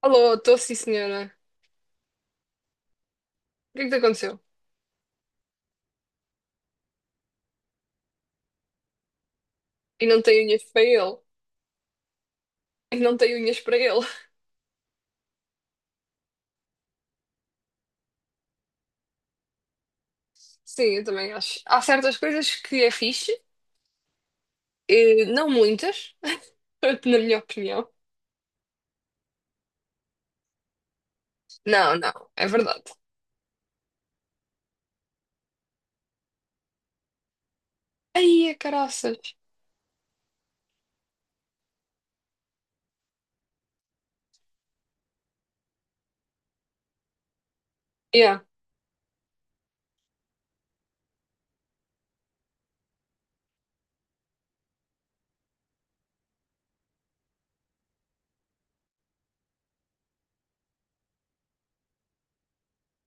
Alô, estou sim, senhora. O que é que te aconteceu? E não tenho unhas para ele. E não tenho unhas para ele. Sim, eu também acho. Há certas coisas que é fixe, não muitas, na minha opinião. Não, é verdade. Aí, é caraças. Yeah.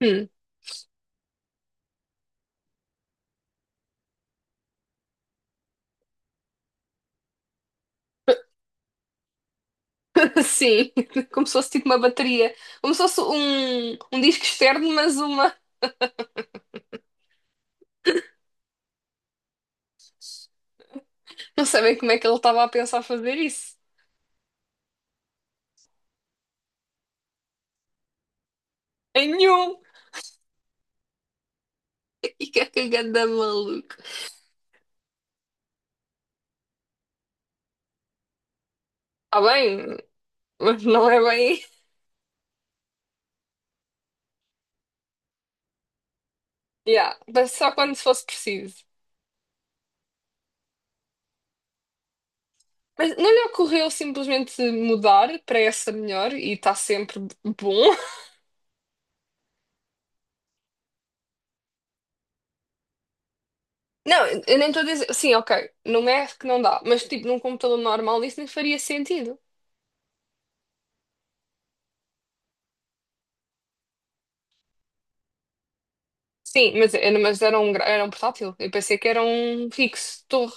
Hum. Sim, como se fosse tipo uma bateria. Como se fosse um disco externo, mas uma. Não sabem como é que ele estava a pensar fazer isso. Em nenhum. E que é ganda maluco. Está bem, mas não é bem. Yeah, mas só quando fosse preciso. Mas não lhe ocorreu simplesmente mudar para essa melhor e está sempre bom? Não, eu nem estou a dizer. Sim, ok, não é que não dá, mas tipo num computador normal isso nem faria sentido. Sim, mas, mas era um, era um portátil. Eu pensei que era um fixo, torre.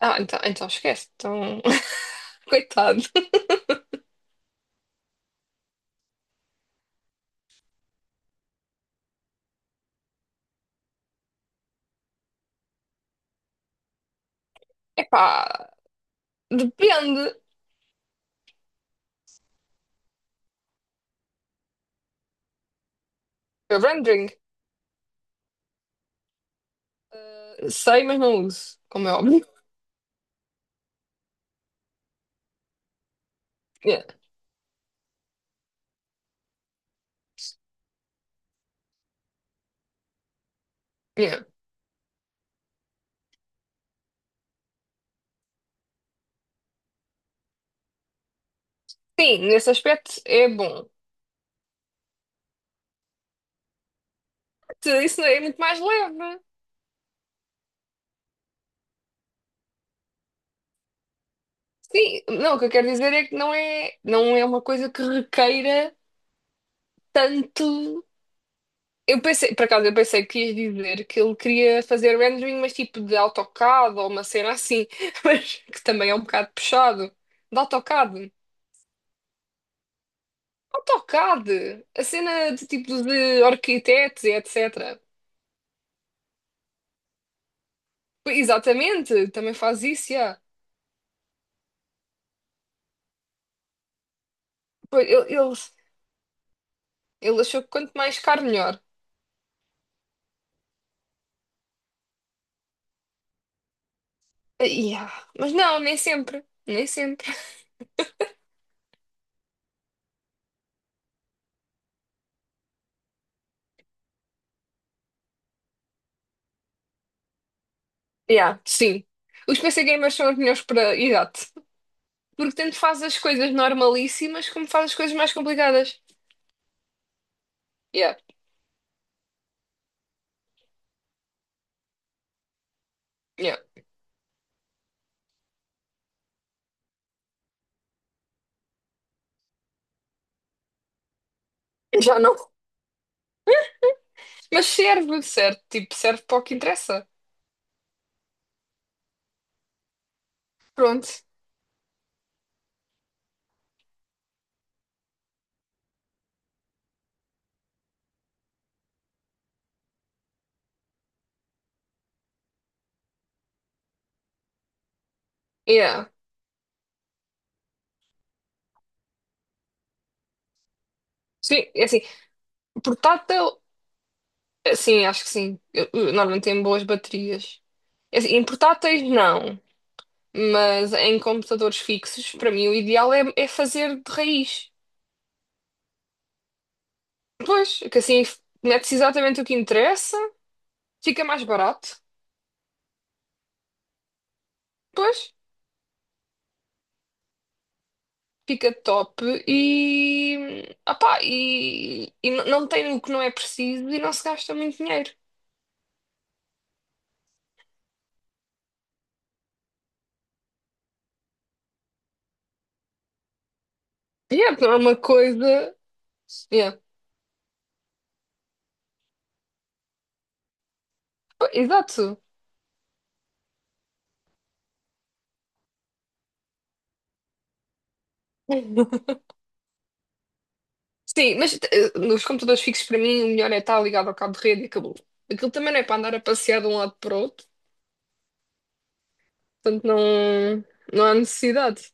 Ah, então, então esquece. Então, coitado. Epá, depende. Eu rendering. Sei, mas não uso, como é óbvio. Yeah, yeah. Sim, nesse aspecto é bom. Tudo isso é muito mais leve. Sim, não, o que eu quero dizer é que não é uma coisa que requeira tanto. Eu pensei, por acaso, eu pensei que ias dizer que ele queria fazer rendering, mas tipo de AutoCAD ou uma cena assim, mas que também é um bocado puxado. De AutoCAD. AutoCAD! A cena de tipo de arquitetos e etc. Pois, exatamente, também faz isso, yeah. Pois. Ele achou que quanto mais caro, melhor. Ah, yeah. Mas não, nem sempre. Nem sempre. Yeah, sim. Os PC gamers são os melhores para. Exato. Porque tanto faz as coisas normalíssimas como faz as coisas mais complicadas. Yeah, yeah. Já não. Mas serve, serve. Tipo, serve para o que interessa. Pronto. Yeah. Sim, é assim. Portátil, sim, acho que sim. Eu normalmente tem boas baterias. É assim, em portáteis, não. Mas em computadores fixos, para mim, o ideal é, é fazer de raiz. Pois, que assim mete-se exatamente o que interessa, fica mais barato. Pois. Fica top e, opá, e não tem o que não é preciso e não se gasta muito dinheiro. Yeah, não é uma coisa. Yeah. Pô, exato. Sim, mas nos computadores fixos, para mim, o melhor é estar ligado ao cabo de rede e acabou. Aquilo também não é para andar a passear de um lado para o outro, portanto não, não há necessidade.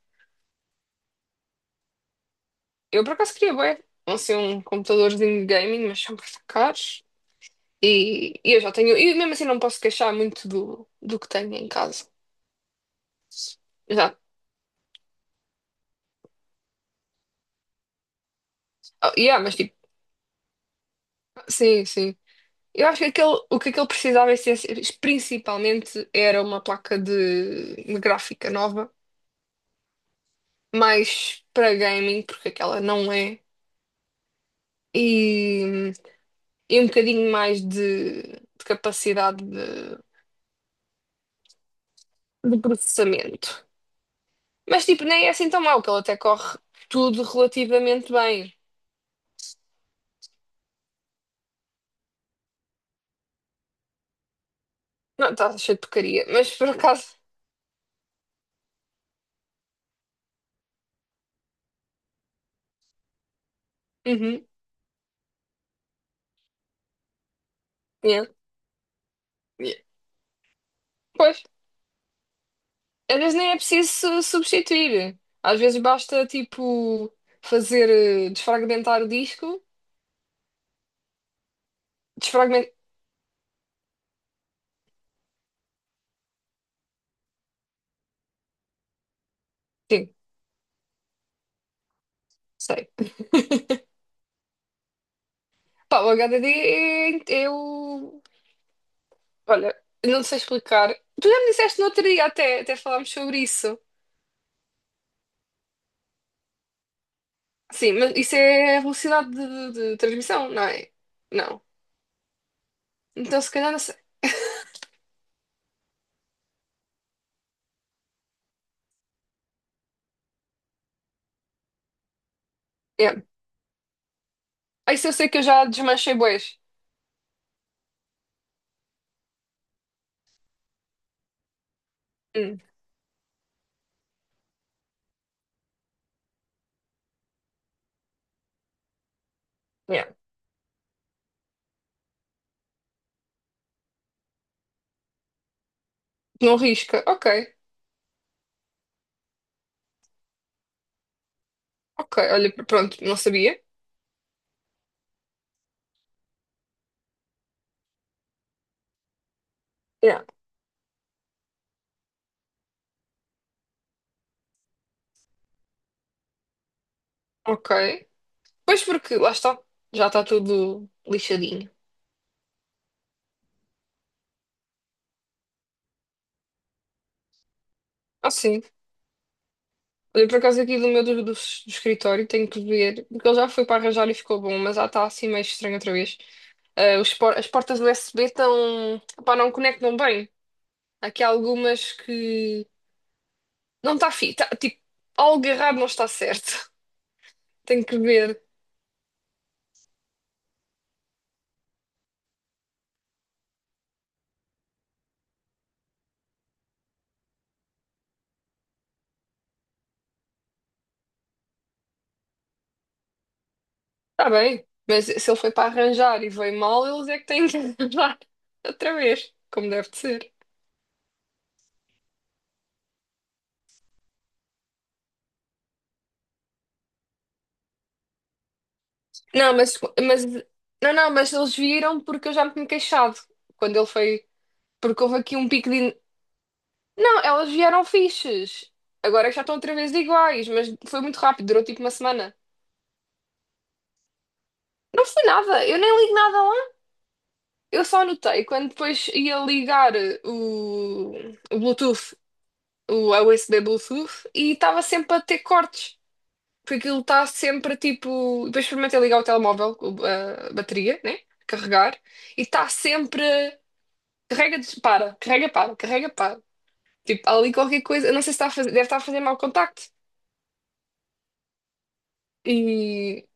Eu, por acaso, queria bem, não ser um computadorzinho de gaming, mas são muito caros e eu já tenho. E mesmo assim, não posso queixar muito do, do que tenho em casa. Já oh, yeah, mas tipo, sim, sim. Eu acho que aquele, o que aquele precisava principalmente era uma placa de gráfica nova, mais para gaming, porque aquela não é, e, e um bocadinho mais de capacidade de processamento. Mas tipo, nem é assim tão mau, que ele até corre tudo relativamente bem. Não, está cheio de porcaria, mas por acaso. Uhum, yeah, yeah. Pois. Às vezes nem é preciso substituir. Às vezes basta, tipo, fazer, desfragmentar o disco. Desfragmentar. Sim, sei. Pá, o HDD é, é o. Olha, não sei explicar. Tu já me disseste no outro dia, até, até falámos sobre isso. Sim, mas isso é a velocidade de, de transmissão, não é? Não. Então, se calhar, não sei. Yeah. Ah, isso eu sei que eu já desmanchei bués. Hum, yeah. Não risca. Ok, ok. Olha, pronto, não sabia. Yeah. Ok. Pois porque, lá está, já está tudo lixadinho. Ah, sim. Olha, por acaso aqui do meu do, do escritório tenho que ver, porque ele já foi para arranjar e ficou bom, mas já está assim meio estranho outra vez. Ah, os as portas USB estão, pá, não conectam bem. Aqui há algumas que não está fi, tá, tipo, algo errado não está certo. Tenho que ver. Está bem, mas se ele foi para arranjar e veio mal, eles é que têm que arranjar outra vez, como deve de ser. Não, mas não, não, mas eles viram porque eu já me tinha queixado quando ele foi, porque houve aqui um pico de. Não, elas vieram fixes. Agora já estão outra vez iguais, mas foi muito rápido, durou tipo uma semana. Não foi nada, eu nem ligo nada lá. Eu só anotei quando depois ia ligar o, o Bluetooth, o USB Bluetooth, e estava sempre a ter cortes. Porque aquilo está sempre tipo. Depois experimentei ligar o telemóvel, a bateria, né? Carregar, e está sempre. Carrega, dispara, carrega, para, carrega, para. Tipo, há ali qualquer coisa, eu não sei se está a fazer, deve estar a fazer mau contacto. E...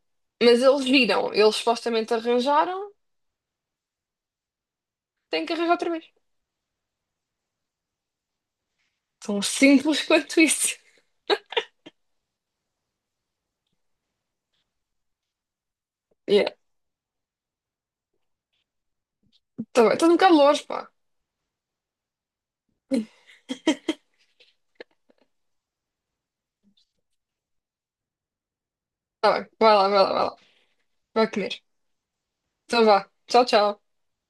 Mas eles viram, eles supostamente arranjaram, têm que arranjar outra vez. Tão simples quanto isso. Yeah. Tá bem, estou um bocado longe, pá. Tá bem, vai lá, vai lá, vai lá. Vai comer. Então vá. Tchau, tchau.